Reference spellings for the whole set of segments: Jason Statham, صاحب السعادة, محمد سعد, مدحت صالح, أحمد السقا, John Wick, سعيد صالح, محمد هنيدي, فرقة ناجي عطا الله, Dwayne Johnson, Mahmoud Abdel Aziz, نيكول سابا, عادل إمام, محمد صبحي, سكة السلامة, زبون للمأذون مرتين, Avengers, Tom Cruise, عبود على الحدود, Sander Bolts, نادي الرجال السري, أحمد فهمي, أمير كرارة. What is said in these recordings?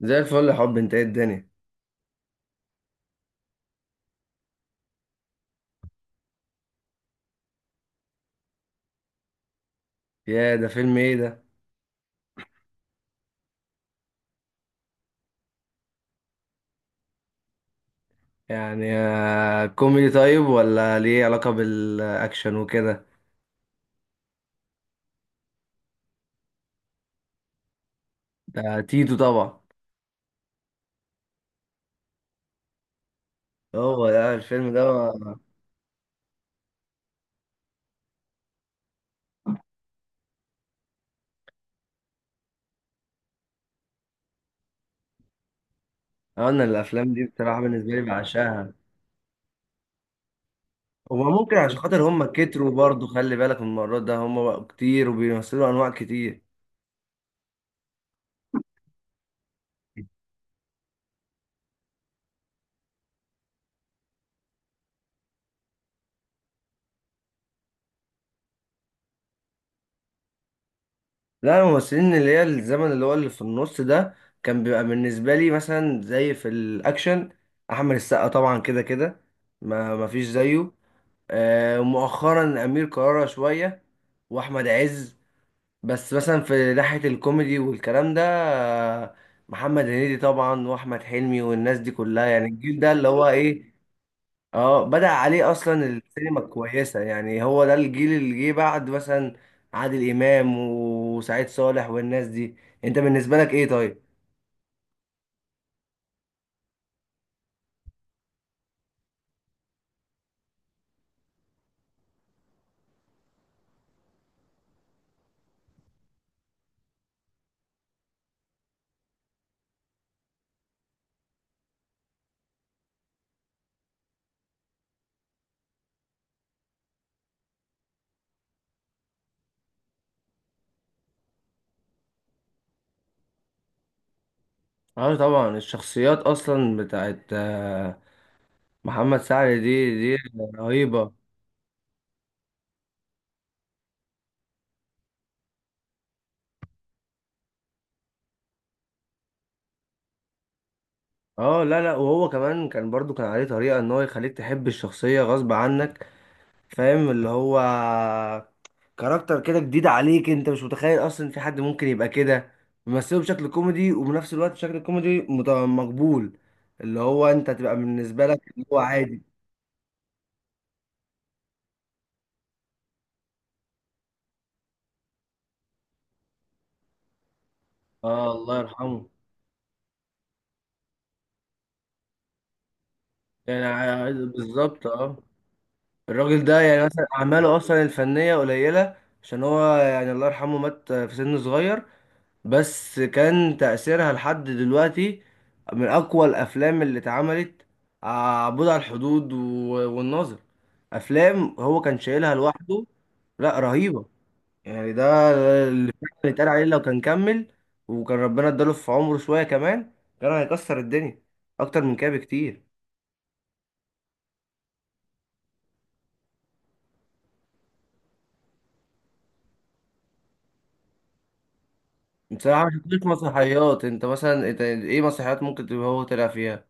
زي الفل يا حب. انت ايه الدنيا؟ يا ده فيلم ايه ده؟ يعني كوميدي طيب، ولا ليه علاقة بالاكشن وكده؟ ده تيتو طبعا. هو ده الفيلم ده. انا الافلام دي بصراحة بالنسبة لي بعشقها. هو ممكن عشان خاطر هم كتروا برضه، خلي بالك من المرات ده، هم بقوا كتير وبيمثلوا انواع كتير. لا الممثلين اللي هي الزمن اللي هو اللي في النص ده، كان بيبقى بالنسبة لي مثلا زي في الأكشن أحمد السقا طبعا، كده كده ما فيش زيه. مؤخرا أمير كرارة شوية، وأحمد عز. بس مثلا في ناحية الكوميدي والكلام ده، آه، محمد هنيدي طبعا، وأحمد حلمي، والناس دي كلها. يعني الجيل ده اللي هو إيه، اه، بدأ عليه اصلا السينما الكويسه. يعني هو ده الجيل اللي جه بعد مثلا عادل امام وسعيد صالح والناس دي. انت بالنسبه لك ايه طيب؟ اه طبعا الشخصيات اصلا بتاعت محمد سعد دي رهيبه. اه لا لا، وهو كمان كان برضو كان عليه طريقه ان هو يخليك تحب الشخصيه غصب عنك، فاهم؟ اللي هو كاركتر كده جديد عليك، انت مش متخيل اصلا في حد ممكن يبقى كده، ممثله بشكل كوميدي وبنفس الوقت بشكل كوميدي مقبول، اللي هو انت تبقى بالنسبه لك اللي هو عادي. اه الله يرحمه. يعني بالظبط اه، الراجل ده يعني مثلا اعماله اصلا الفنيه قليله، عشان هو يعني الله يرحمه مات في سن صغير، بس كان تأثيرها لحد دلوقتي من أقوى الأفلام اللي اتعملت. عبود على الحدود والناظر، أفلام هو كان شايلها لوحده. لا رهيبة يعني ده، اللي فعلا اتقال عليه لو كان كمل، وكان ربنا اداله في عمره شوية كمان، كان هيكسر الدنيا أكتر من كده بكتير. بصراحة ما شفتش مسرحيات. أنت مثلا إنت إيه مسرحيات ممكن تبقى هو طلع فيها؟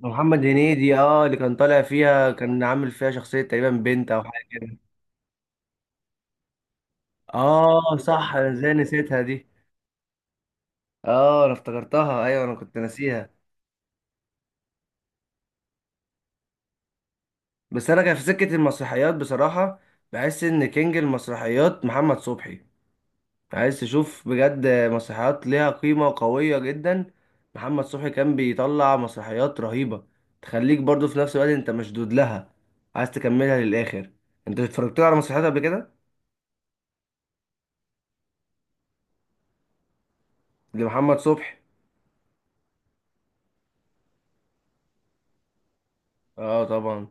محمد هنيدي اه، اللي كان طالع فيها كان عامل فيها شخصية تقريبا بنت أو حاجة. اه صح، أنا ازاي نسيتها دي. اه انا افتكرتها، ايوه انا كنت ناسيها. بس انا كان في سكة المسرحيات بصراحة، بحس ان كينج المسرحيات محمد صبحي. عايز تشوف بجد مسرحيات ليها قيمة وقوية جدا، محمد صبحي كان بيطلع مسرحيات رهيبة، تخليك برضو في نفس الوقت انت مشدود لها، عايز تكملها للاخر. انت اتفرجت له على مسرحيات قبل كده؟ لمحمد صبحي. اه طبعا.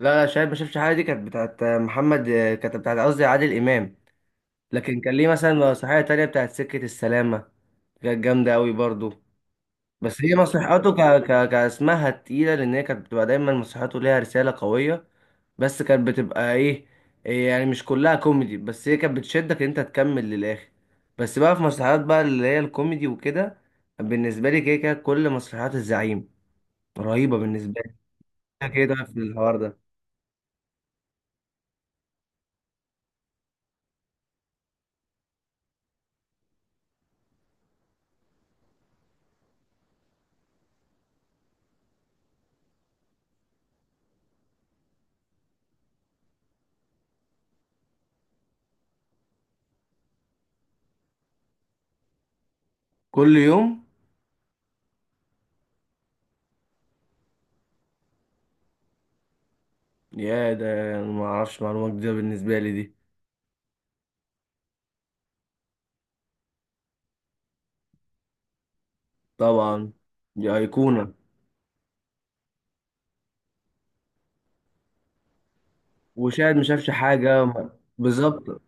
لا لا، شايف ما شفتش حاجة دي كانت بتاعت محمد، كانت بتاعت قصدي عادل امام. لكن كان ليه مثلا مسرحية تانية بتاعت سكة السلامة، كانت جامدة أوي برضو. بس هي مسرحياته كاسمها تقيلة، لأن هي كانت بتبقى دايما مسرحياته ليها رسالة قوية. بس كانت بتبقى إيه، إيه يعني، مش كلها كوميدي، بس هي كانت بتشدك إن أنت تكمل للآخر. بس بقى في مسرحيات بقى اللي هي الكوميدي وكده، بالنسبة لي كده كده كل مسرحيات الزعيم رهيبة بالنسبة لي. كده كده في الحوار ده. كل يوم؟ يا ده أنا معرفش، معلومة جديدة بالنسبة لي دي. طبعا، دي أيقونة. وشاهد ما شافش حاجة بالظبط.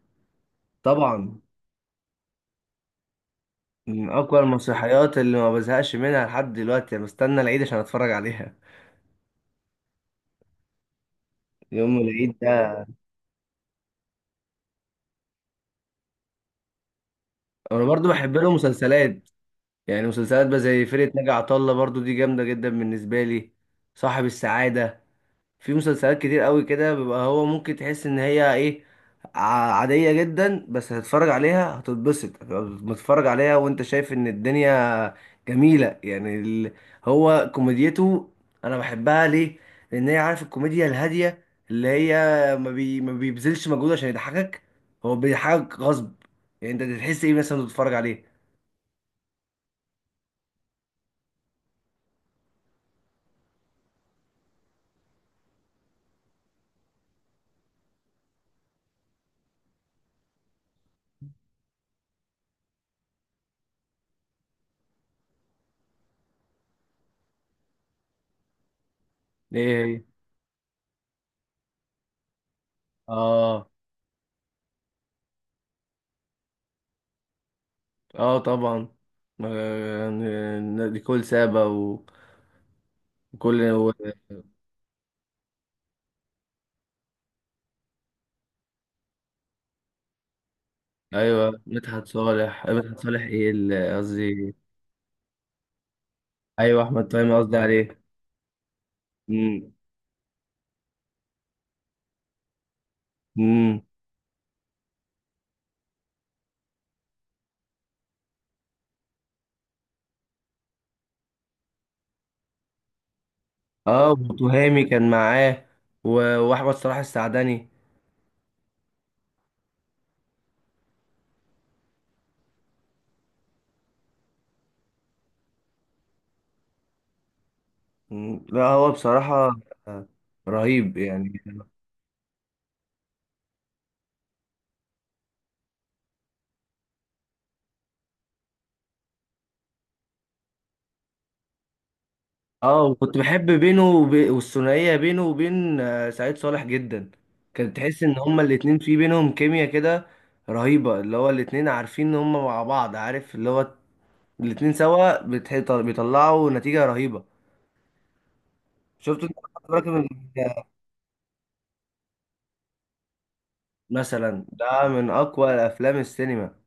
طبعا، من أقوى المسرحيات اللي ما بزهقش منها لحد دلوقتي، أنا بستنى العيد عشان أتفرج عليها. يوم العيد ده. أنا برضو بحب له مسلسلات. يعني مسلسلات بقى زي فرقة ناجي عطا الله برضو دي جامدة جدا بالنسبة لي. صاحب السعادة، في مسلسلات كتير قوي كده، بيبقى هو ممكن تحس ان هي ايه، عادية جدا، بس هتتفرج عليها هتتبسط، هتبقى متفرج عليها وانت شايف ان الدنيا جميلة. يعني هو كوميديته انا بحبها ليه، لان هي عارف، الكوميديا الهادية اللي هي ما بيبذلش مجهود عشان يضحكك، هو بيضحكك غصب. يعني انت تحس ايه مثلا وأنت بتتفرج عليه؟ ايه هي؟ اه. اه طبعا. آه، نيكول سابا وكل. ايوه مدحت صالح، أيوة، مدحت صالح ايه قصدي، ايوه احمد فهمي قصدي عليه. امم امم اه، وتهامي كان معاه، واحمد صلاح السعدني. لا هو بصراحه آه، رهيب يعني. اه، وكنت بحب بينه والثنائيه بينه وبين سعيد صالح جدا، كانت تحس ان هما الاتنين في بينهم كيمياء كده رهيبه، اللي هو الاتنين عارفين ان هما مع بعض، عارف اللي هو الاتنين سوا بيطلعوا نتيجه رهيبه. شفت انت راكب؟ مثلا ده من اقوى الافلام السينما.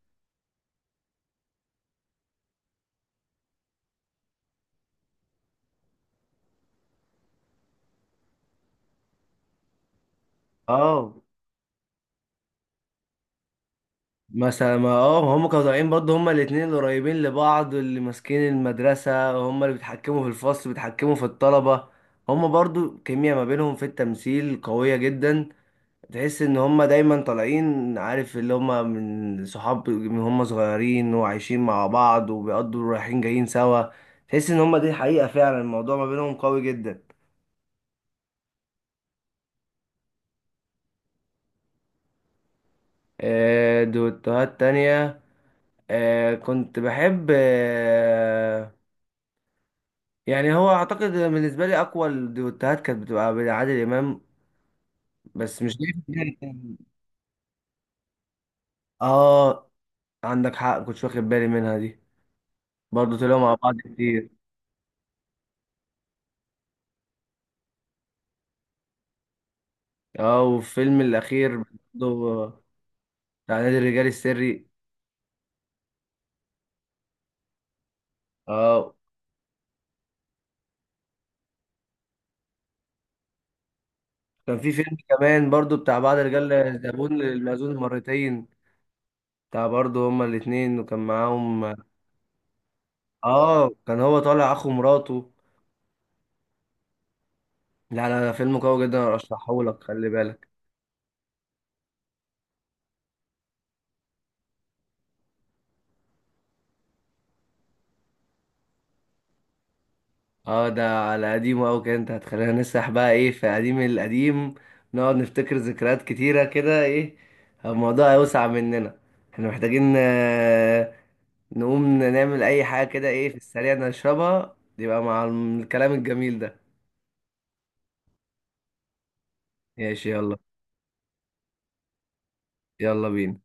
اه مثلا ما اه، هم كانوا طالعين برضه هم الاثنين اللي قريبين لبعض، اللي ماسكين المدرسه، هم اللي بيتحكموا في الفصل، بيتحكموا في الطلبه، هم برضه كيمياء ما بينهم في التمثيل قويه جدا. تحس ان هم دايما طالعين، عارف اللي هم من صحاب، من هم صغيرين وعايشين مع بعض وبيقضوا رايحين جايين سوا، تحس ان هم دي حقيقه فعلا الموضوع ما بينهم قوي جدا. دوتوهات تانية، كنت بحب يعني هو أعتقد بالنسبة لي أقوى الدوتوهات كانت بتبقى بين عادل إمام، بس مش عارف يعني آه. عندك حق، كنتش واخد بالي منها دي، برضه طلعوا مع بعض كتير. آه، والفيلم الأخير برضه بتاع نادي الرجال السري. آه. كان في فيلم كمان برضه بتاع بعض الرجال، زبون للمأذون مرتين، بتاع برضه هما الاتنين وكان معاهم. اه كان هو طالع اخو مراته. لا لا، ده فيلم قوي جدا، ارشحه لك خلي بالك. اه ده على قديمه قوي كده، انت هتخلينا نسرح بقى ايه في قديم القديم، نقعد نفتكر ذكريات كتيره كده ايه، الموضوع هيوسع مننا. احنا محتاجين نقوم نعمل اي حاجه كده ايه في السريع نشربها، يبقى مع الكلام الجميل ده. ماشي يلا. يلا بينا.